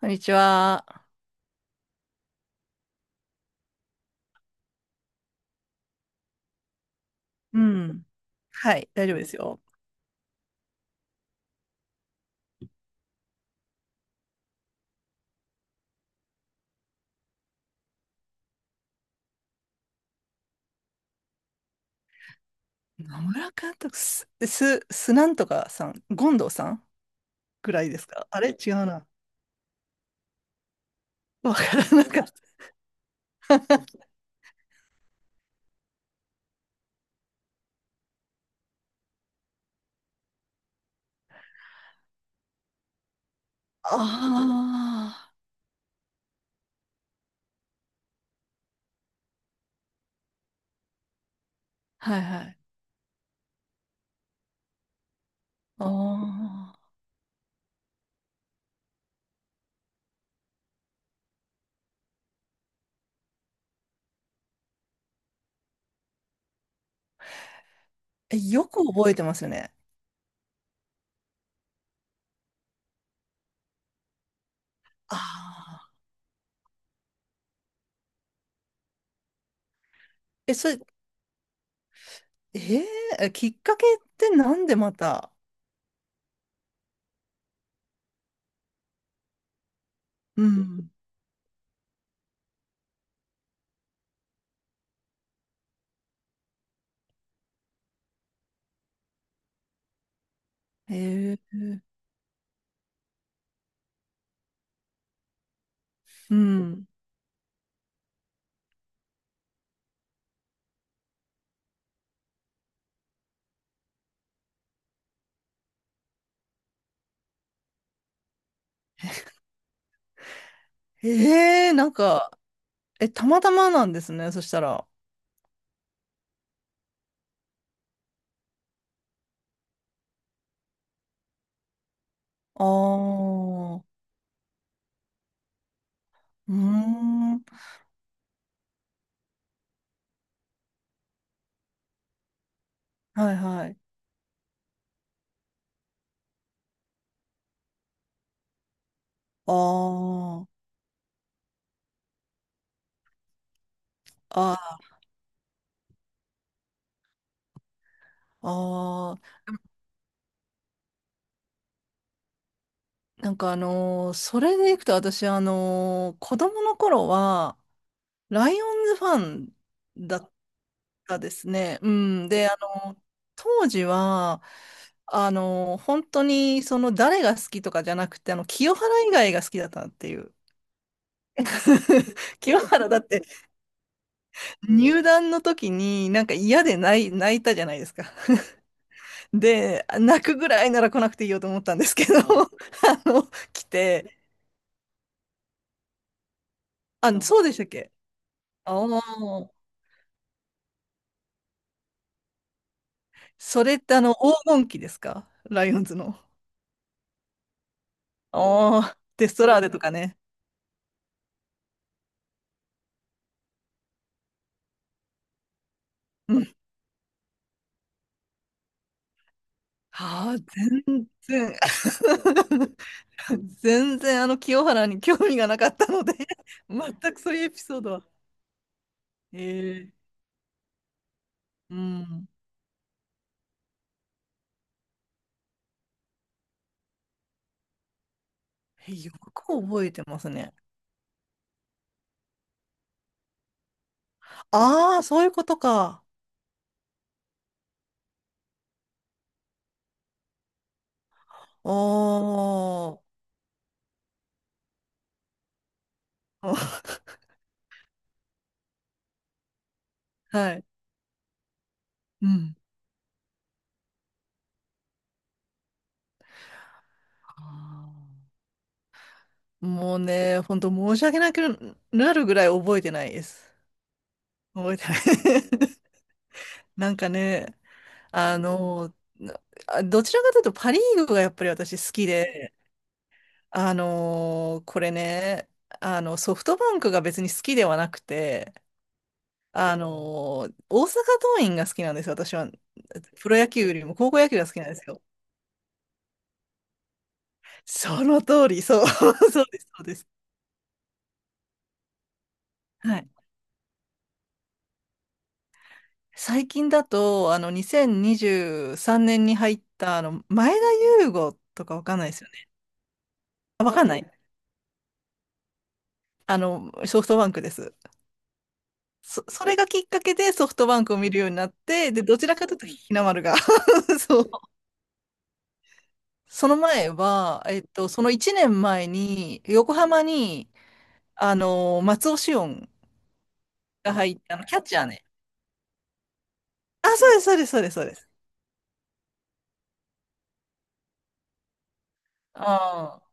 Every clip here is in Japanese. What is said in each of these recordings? こんにちは。うん。はい、大丈夫ですよ。野村監督、す、す、すなんとかさん、権藤さんぐらいですか？あれ違うな。わからなかった。ああ、はいはい。ああ、よく覚えてますよね。ああ、え、それ、えーきっかけってなんでまた？うん。ええ、うん。ええ、なんか、たまたまなんですね、そしたら。ああ、うーん、はいはい。ああ、ああ、なんかそれでいくと私子供の頃は、ライオンズファンだったですね。うん。で、のー当時は、本当にその誰が好きとかじゃなくて、清原以外が好きだったっていう。清原だって入団の時になんか嫌で泣いたじゃないですか。で、泣くぐらいなら来なくていいよと思ったんですけど、の、来て、あ、そうでしたっけ？ああー、それって黄金期ですか？ライオンズの。ああ、デストラーデとかね。うん。ああ、全然、全然清原に興味がなかったので全くそういうエピソードは。ええ、うん。よく覚えてますね。ああ、そういうことか。おー。はい。うん。ああ。もうね、本当申し訳なくなるぐらい覚えてないです。覚えてない。 なんかね、あの、などちらかというとパ・リーグがやっぱり私好きで、これね、ソフトバンクが別に好きではなくて、大阪桐蔭が好きなんですよ、私は。プロ野球よりも高校野球が好きなんですよ。その通り、そう、そうです、そうです。はい。最近だと、2023年にじゅうさんねんに入った、前田悠伍とかわかんないですよね？あ、わかんない。ソフトバンクです。それがきっかけでソフトバンクを見るようになって、で、どちらかというと日の丸が そう。その前は、その1年前に、横浜に、松尾紫音が入った、キャッチャーね。あ、そうです、そうです、そうです、そうです。ああ。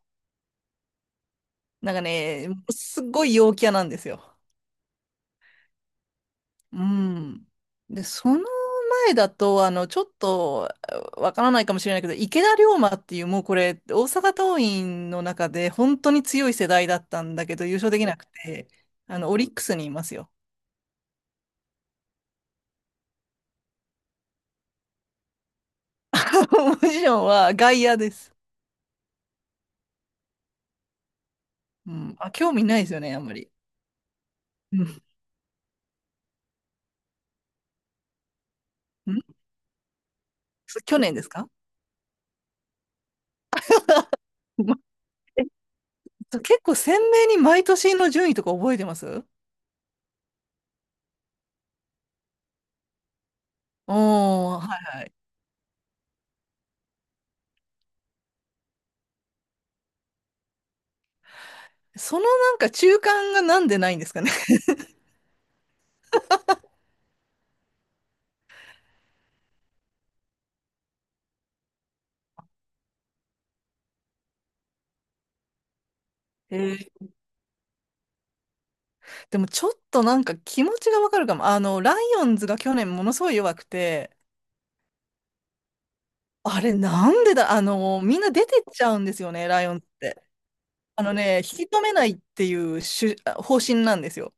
なんかね、すっごい陽キャなんですよ。うん。で、その代だと、ちょっとわからないかもしれないけど、池田龍馬っていう、もうこれ、大阪桐蔭の中で本当に強い世代だったんだけど、優勝できなくて、オリックスにいますよ。ポジションは外野です。うん。あ、興味ないですよね、あんまり。うん。ん去年ですか？まえ 結構鮮明に毎年の順位とか覚えてます？おー、はいはい。なんか中間がなんでないんですかね。へでもちょっとなんか気持ちがわかるかも。ライオンズが去年ものすごい弱くて、あれなんでだ、みんな出てっちゃうんですよね、ライオンズって。あのね、引き止めないっていう主方針なんですよ。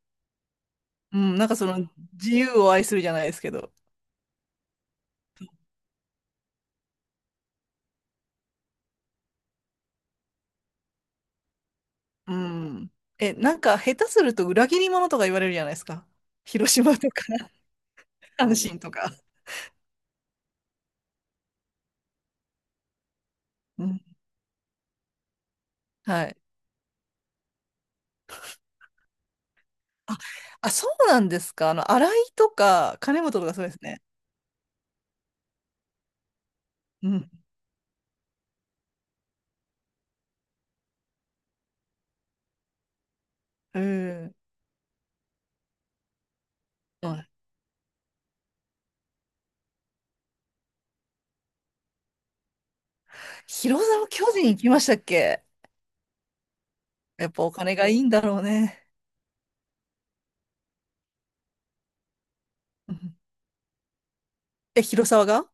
うん、なんか自由を愛するじゃないですけど。うん。なんか下手すると裏切り者とか言われるじゃないですか。広島とか、阪神とか。うん。はい。あ、あ、そうなんですか。新井とか、金本とかそうですね。うん。うん。広沢巨人行きましたっけ？やっぱお金がいいんだろうね。うん、広沢が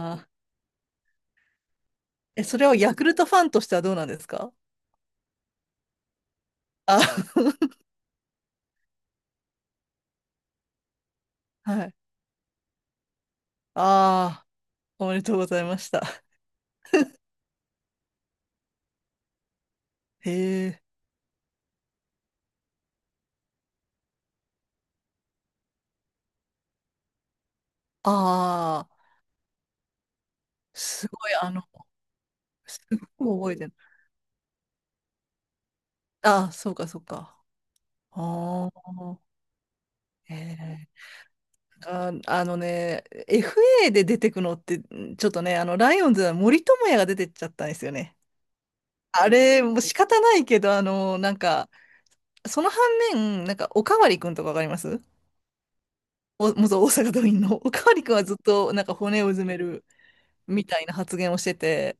ああー。それをヤクルトファンとしてはどうなんですか？あ、はい。ああ、おめでとうございました。へえ。ああ、すごい、すごい覚えてる。ああ、そうか、そうか。ああ、ええ。あ、あのね、FA で出てくのって、ちょっとね、ライオンズは森友哉が出てっちゃったんですよね。あれ、もう仕方ないけど、なんか、その反面、なんか、おかわりくんとかわかります？お、元大阪桐蔭の。おかわりくんはずっと、なんか、骨をうずめるみたいな発言をしてて、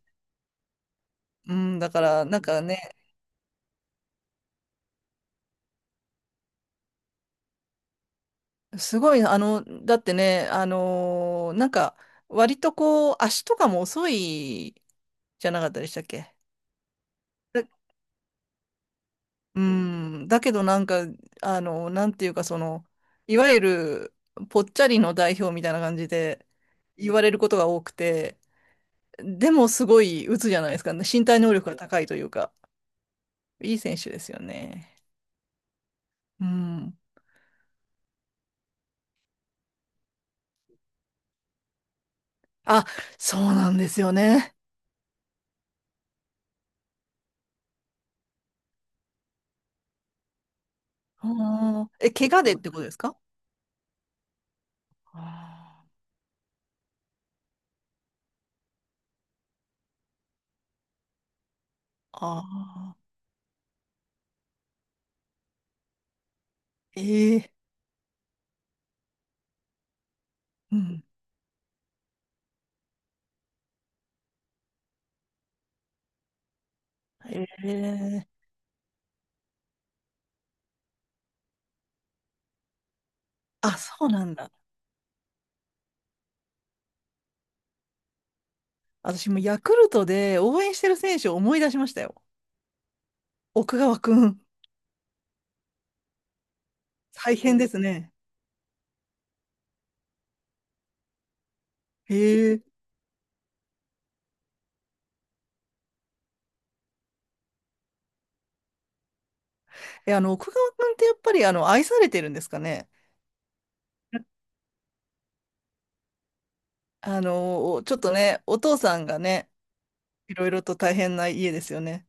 うん、だから、なんかね、すごい、だってね、なんか、割とこう、足とかも遅いじゃなかったでしたっけ？だうん、だけどなんか、なんていうか、いわゆる、ぽっちゃりの代表みたいな感じで、言われることが多くて、でもすごい打つじゃないですかね。身体能力が高いというか、いい選手ですよね。うん。あ、そうなんですよね。あー怪我でってことですか？あーあー、ええ、うん。ええ、あ、そうなんだ。私もヤクルトで応援してる選手を思い出しましたよ。奥川くん。大変ですね。へえ。奥川くんってやっぱり愛されてるんですかね。ちょっとね、お父さんがね、いろいろと大変な家ですよね。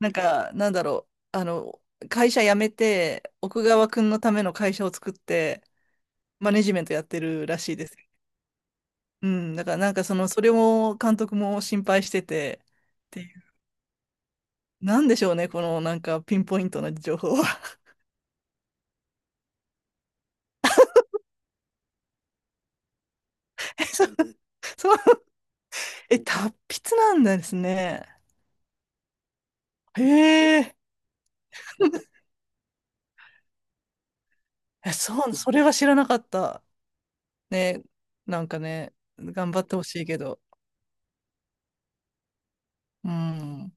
なんか、なんだろう、会社辞めて、奥川くんのための会社を作って、マネジメントやってるらしいです。うん、だからなんかそれも監督も心配してて、っていう、なんでしょうね、このなんかピンポイントな情報は。そうそう、達筆なんですね。へえ、そう、それは知らなかった。ね、なんかね、頑張ってほしいけど。うん。